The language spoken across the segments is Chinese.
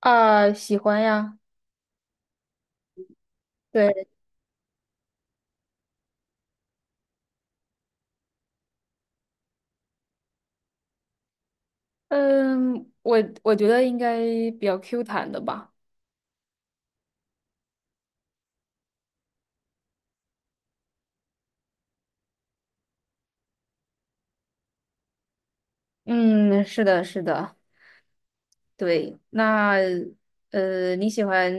啊，喜欢呀。对。嗯，我我觉得应该比较 Q 弹的吧。嗯，是的，是的。对。那你喜欢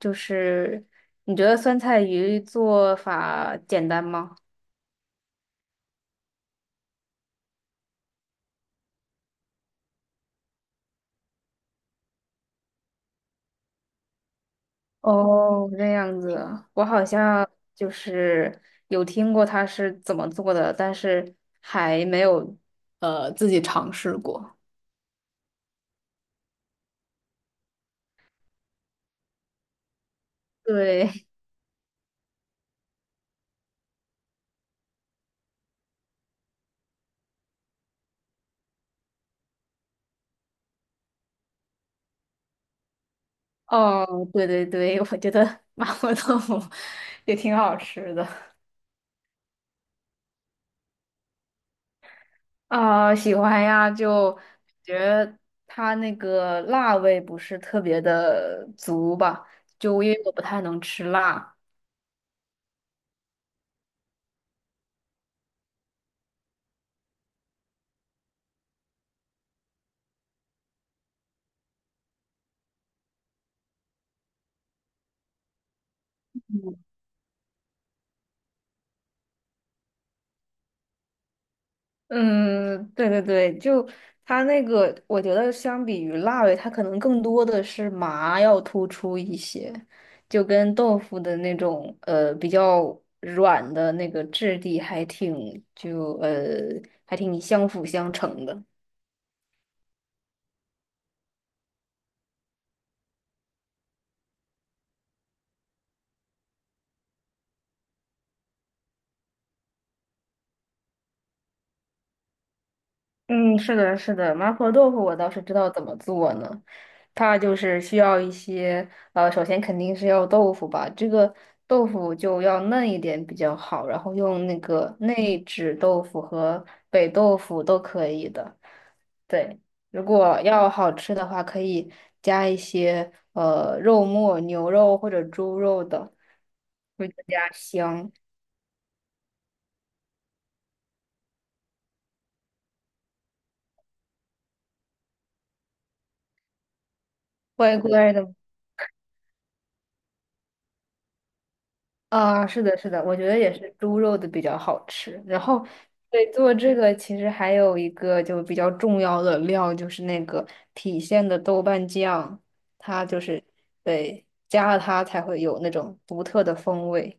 就是你觉得酸菜鱼做法简单吗？哦，这样子。我好像就是有听过它是怎么做的，但是还没有自己尝试过。对。哦，对对对，我觉得麻婆豆腐 也挺好吃的。啊，喜欢呀，就觉得它那个辣味不是特别的足吧，就因为我不太能吃辣。嗯，对对对，就它那个，我觉得相比于辣味，它可能更多的是麻要突出一些，就跟豆腐的那种比较软的那个质地还挺还挺相辅相成的。嗯，是的，是的。麻婆豆腐我倒是知道怎么做呢。它就是需要一些，首先肯定是要豆腐吧，这个豆腐就要嫩一点比较好，然后用那个内酯豆腐和北豆腐都可以的。对。如果要好吃的话，可以加一些肉末、牛肉或者猪肉的，会更加香。外国人的。啊，是的，是的，我觉得也是猪肉的比较好吃。然后，对，做这个其实还有一个就比较重要的料，就是那个郫县的豆瓣酱。它就是对加了它才会有那种独特的风味。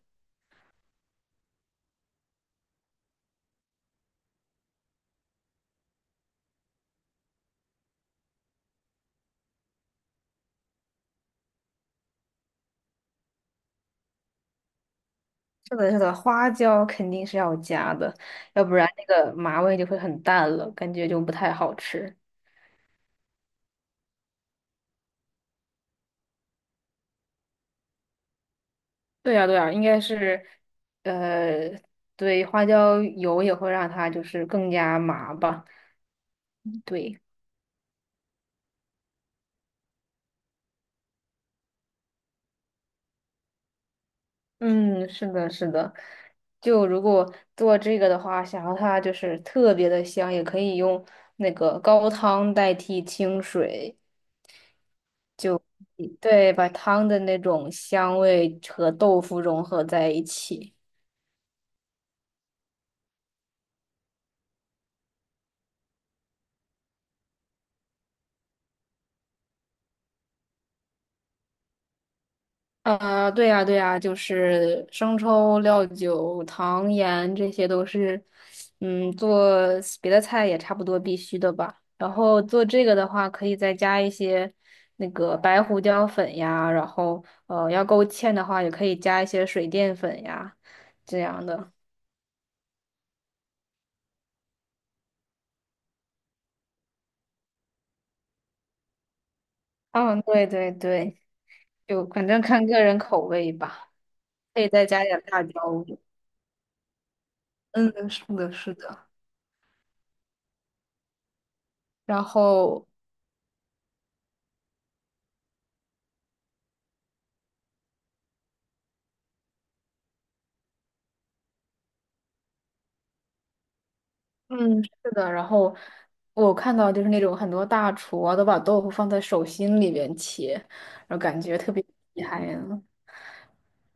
是的，是的，花椒肯定是要加的，要不然那个麻味就会很淡了，感觉就不太好吃。对呀，对呀，应该是，呃，对，花椒油也会让它就是更加麻吧。对。嗯，是的，是的。就如果做这个的话，想要它就是特别的香，也可以用那个高汤代替清水。对，把汤的那种香味和豆腐融合在一起。对呀，对呀，就是生抽、料酒、糖盐，这些都是，嗯，做别的菜也差不多必须的吧。然后做这个的话，可以再加一些那个白胡椒粉呀，然后要勾芡的话，也可以加一些水淀粉呀，这样的。嗯，对对对，就反正看个人口味吧，可以再加点辣椒。嗯，是的，是的。然后嗯，是的。然后我看到就是那种很多大厨啊，都把豆腐放在手心里边切，然后感觉特别厉害呀。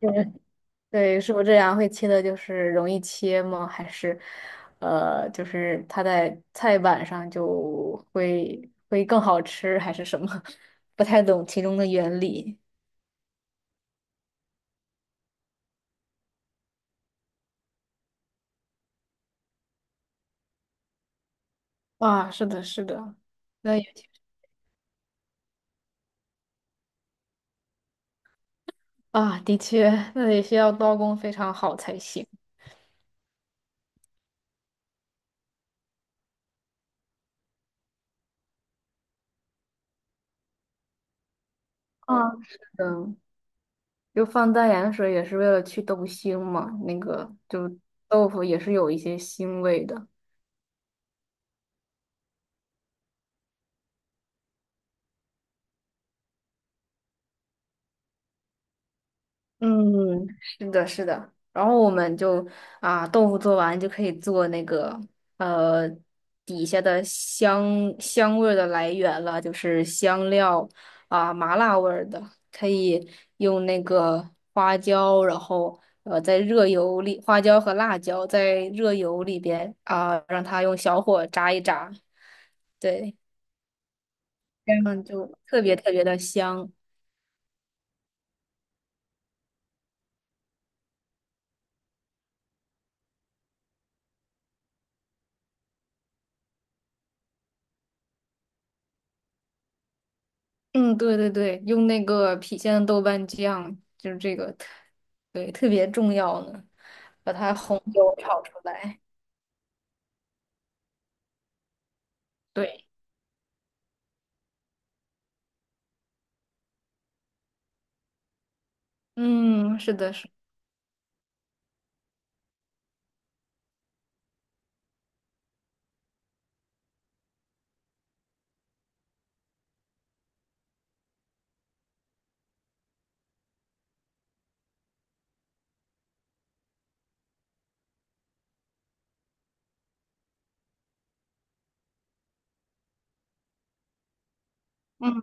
对。对，是不是这样会切的，就是容易切吗？还是就是它在菜板上就会会更好吃，还是什么？不太懂其中的原理。啊，是的，是的，那也啊，的确，那也需要刀工非常好才行。啊，是的。就放淡盐水也是为了去豆腥嘛，那个就豆腐也是有一些腥味的。嗯，是的，是的。然后我们就啊，豆腐做完就可以做那个呃底下的香香味儿的来源了，就是香料啊，麻辣味儿的，可以用那个花椒，然后在热油里，花椒和辣椒在热油里边啊，让它用小火炸一炸。对。嗯，就特别特别的香。嗯，对对对，用那个郫县的豆瓣酱，就是这个特，对，特别重要呢，把它红油炒出来。对。嗯，是的，是。嗯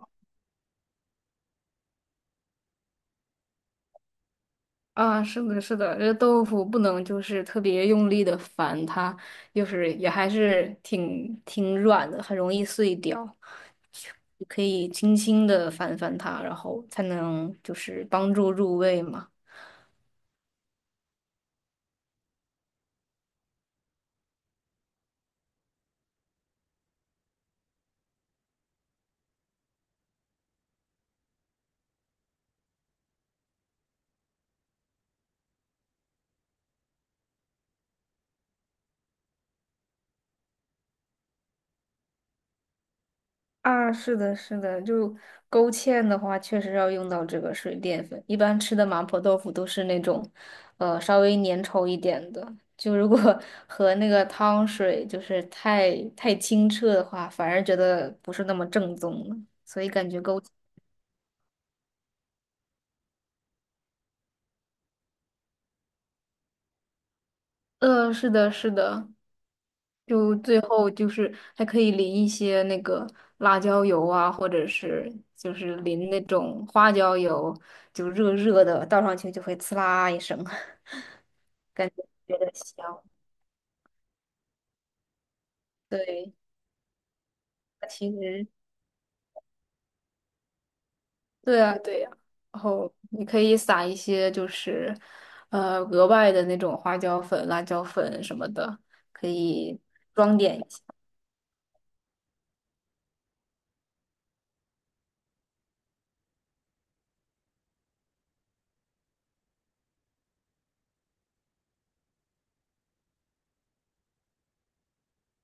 啊，是的，是的，这豆腐不能就是特别用力的翻它，就是也还是挺挺软的，很容易碎掉。你可以轻轻的翻翻它，然后才能就是帮助入味嘛。啊，是的，是的，就勾芡的话，确实要用到这个水淀粉。一般吃的麻婆豆腐都是那种，呃，稍微粘稠一点的。就如果 和那个汤水就是太太清澈的话，反而觉得不是那么正宗了。所以感觉勾，呃，是的，是的，就最后就是还可以淋一些那个辣椒油啊，或者是就是淋那种花椒油，就热热的，倒上去就会呲啦一声。觉得香。对，它其实对啊，对呀、然后你可以撒一些就是，呃，额外的那种花椒粉、辣椒粉什么的，可以装点一下。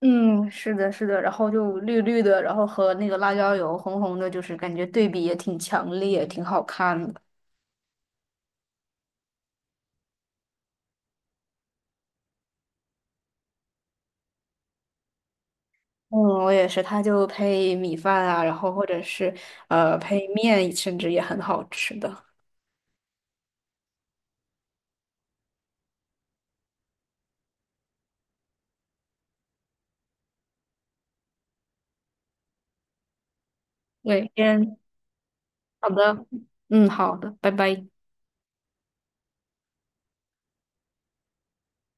嗯，是的，是的，然后就绿绿的，然后和那个辣椒油红红的，就是感觉对比也挺强烈，挺好看的。嗯，我也是，它就配米饭啊，然后或者是配面，甚至也很好吃的。对，先好的，嗯，好的，拜拜。